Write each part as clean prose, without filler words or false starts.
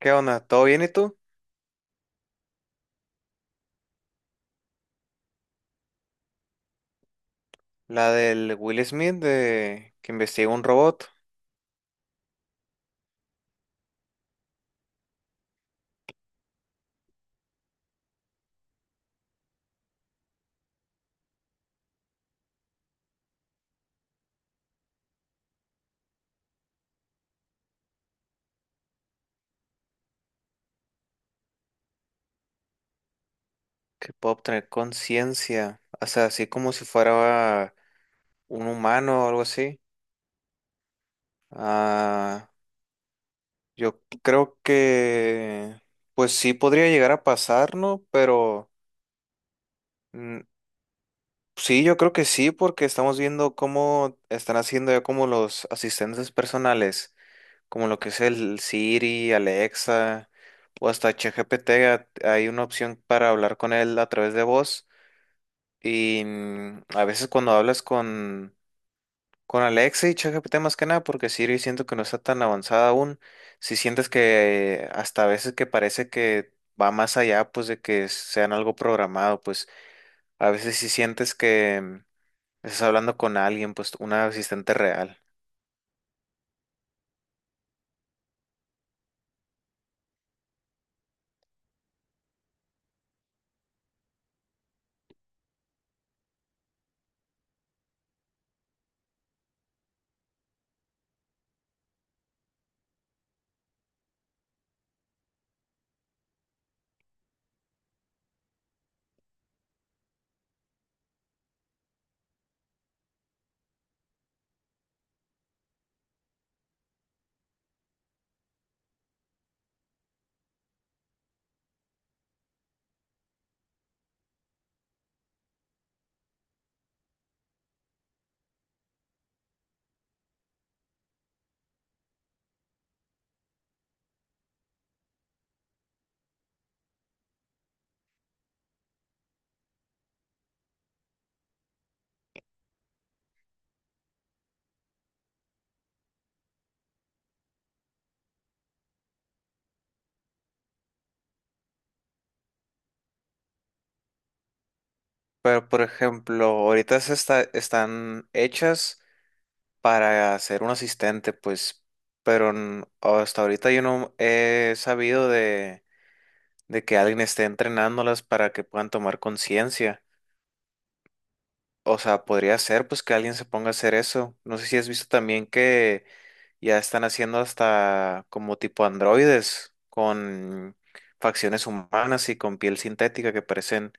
¿Qué onda? ¿Todo bien y tú? La del Will Smith de que investiga un robot que puede obtener conciencia, o sea, así como si fuera un humano o algo así. Ah, yo creo que pues sí podría llegar a pasar, ¿no? Pero mm, sí, yo creo que sí porque estamos viendo cómo están haciendo ya como los asistentes personales, como lo que es el Siri, Alexa o hasta ChatGPT. Hay una opción para hablar con él a través de voz y, a veces cuando hablas con Alexa y ChatGPT más que nada, porque Siri siento que no está tan avanzada aún, si sientes que hasta a veces que parece que va más allá pues de que sean algo programado. Pues a veces si sientes que, estás hablando con alguien, pues un asistente real. Pero por ejemplo, ahorita están hechas para ser un asistente, pues, pero hasta ahorita yo no he sabido de que alguien esté entrenándolas para que puedan tomar conciencia. O sea, podría ser pues que alguien se ponga a hacer eso. No sé si has visto también que ya están haciendo hasta como tipo androides con facciones humanas y con piel sintética que parecen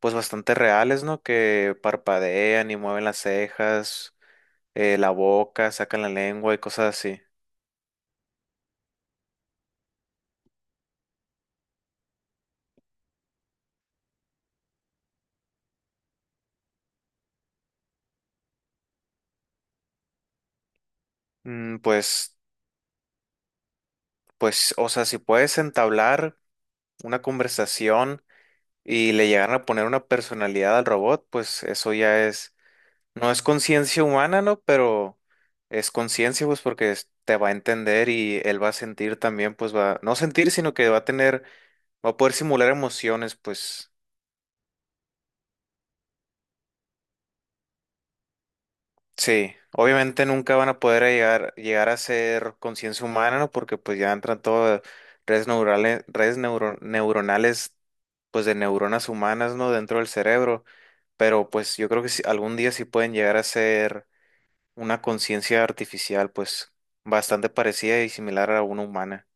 pues bastante reales, ¿no? Que parpadean y mueven las cejas, la boca, sacan la lengua y cosas así. Mm, Pues, pues, o sea, si puedes entablar una conversación y le llegan a poner una personalidad al robot, pues eso ya es, no es conciencia humana, ¿no? Pero es conciencia, pues, porque te va a entender y él va a sentir también. Pues va, no sentir, sino que va a tener, va a poder simular emociones, pues. Sí, obviamente nunca van a poder llegar a ser conciencia humana, ¿no? Porque pues ya entran todas redes neurales, redes neuronales, pues de neuronas humanas, ¿no? Dentro del cerebro. Pero pues yo creo que algún día sí pueden llegar a ser una conciencia artificial, pues bastante parecida y similar a una humana.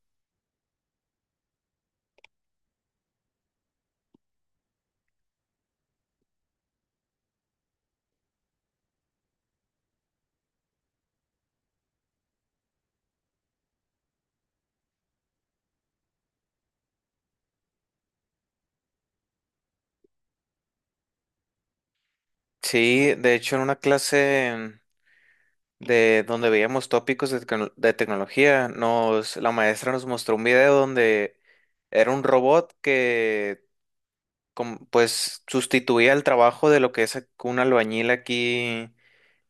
Sí, de hecho en una clase de donde veíamos tópicos de, de tecnología, la maestra nos mostró un video donde era un robot que pues sustituía el trabajo de lo que es un albañil aquí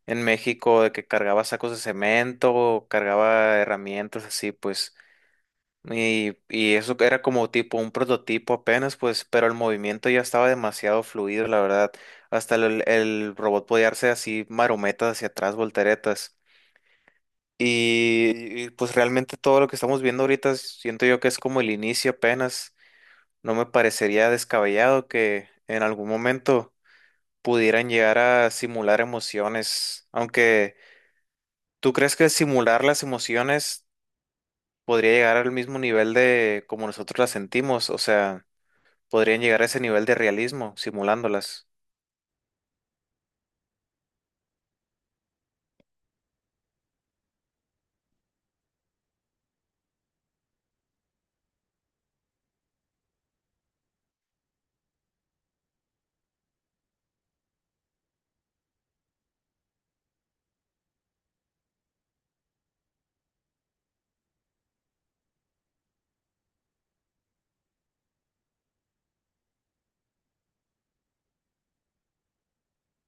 en México, de que cargaba sacos de cemento, o cargaba herramientas así, pues. Y eso era como tipo un prototipo apenas, pues, pero el movimiento ya estaba demasiado fluido, la verdad. Hasta el robot podía darse así marometas hacia atrás, volteretas. Y pues realmente todo lo que estamos viendo ahorita siento yo que es como el inicio apenas. No me parecería descabellado que en algún momento pudieran llegar a simular emociones. Aunque, ¿tú crees que simular las emociones podría llegar al mismo nivel de como nosotros las sentimos? O sea, ¿podrían llegar a ese nivel de realismo simulándolas?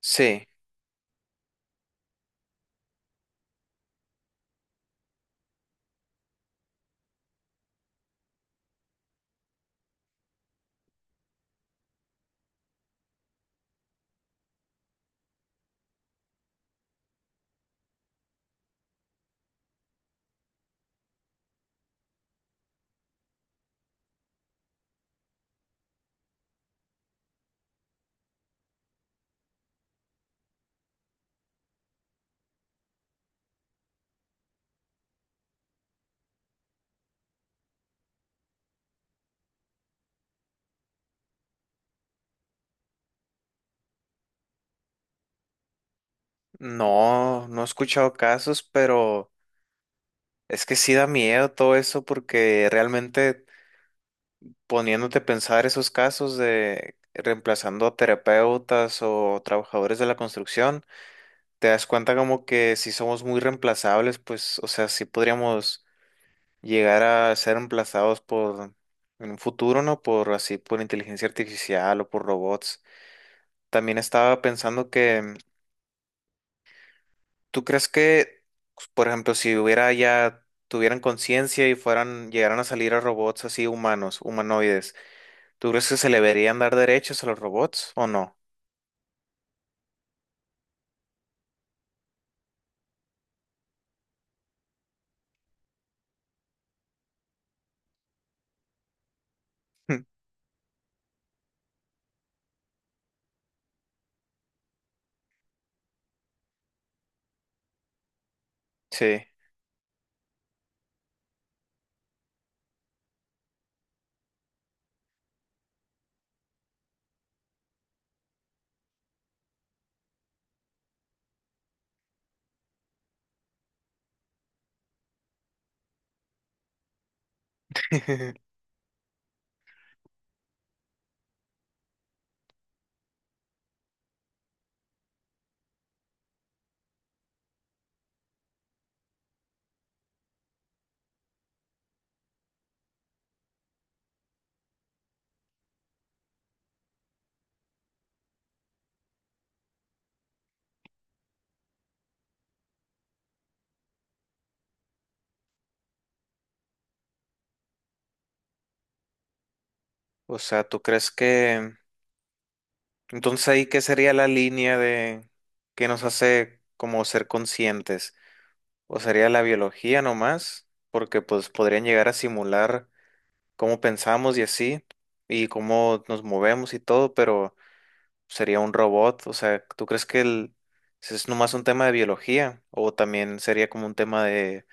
Sí, no, no he escuchado casos, pero es que sí da miedo todo eso porque realmente poniéndote a pensar esos casos de reemplazando a terapeutas o trabajadores de la construcción, te das cuenta como que si somos muy reemplazables, pues, o sea, sí podríamos llegar a ser reemplazados por, en un futuro, ¿no? Por así, por inteligencia artificial o por robots. También estaba pensando que, ¿tú crees que, por ejemplo, si hubiera ya, tuvieran conciencia y fueran, llegaran a salir a robots así humanos, humanoides? ¿Tú crees que se le deberían dar derechos a los robots o no? Sí. O sea, ¿tú crees que... Entonces ahí, ¿qué sería la línea de... que nos hace como ser conscientes? ¿O sería la biología nomás? Porque pues podrían llegar a simular cómo pensamos y así, y cómo nos movemos y todo, pero sería un robot. O sea, ¿tú crees que el... si es nomás un tema de biología? ¿O también sería como un tema de,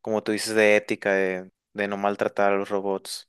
como tú dices, de ética, de no maltratar a los robots?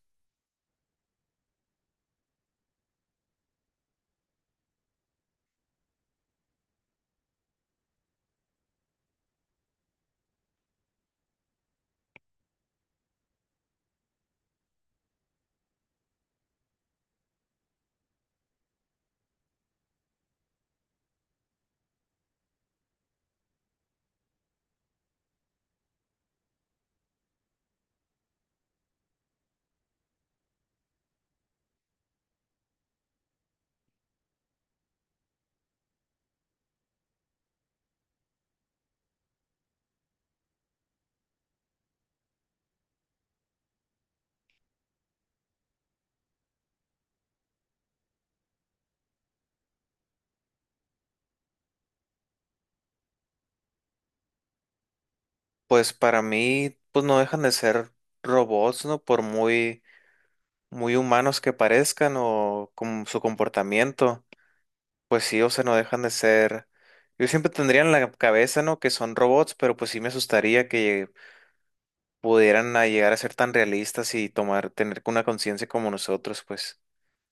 Pues para mí, pues no dejan de ser robots, ¿no? Por muy, muy humanos que parezcan o con su comportamiento, pues sí, o sea, no dejan de ser. Yo siempre tendría en la cabeza, ¿no? Que son robots, pero pues sí me asustaría que pudieran a llegar a ser tan realistas y tomar, tener una conciencia como nosotros, pues.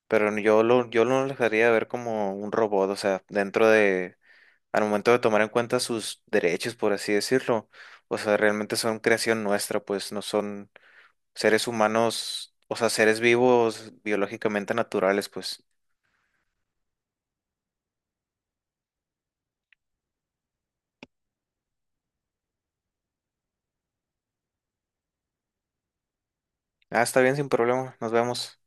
Pero yo lo dejaría de ver como un robot, o sea, dentro de, al momento de tomar en cuenta sus derechos, por así decirlo. O sea, realmente son creación nuestra, pues no son seres humanos, o sea, seres vivos biológicamente naturales, pues. Ah, está bien, sin problema. Nos vemos.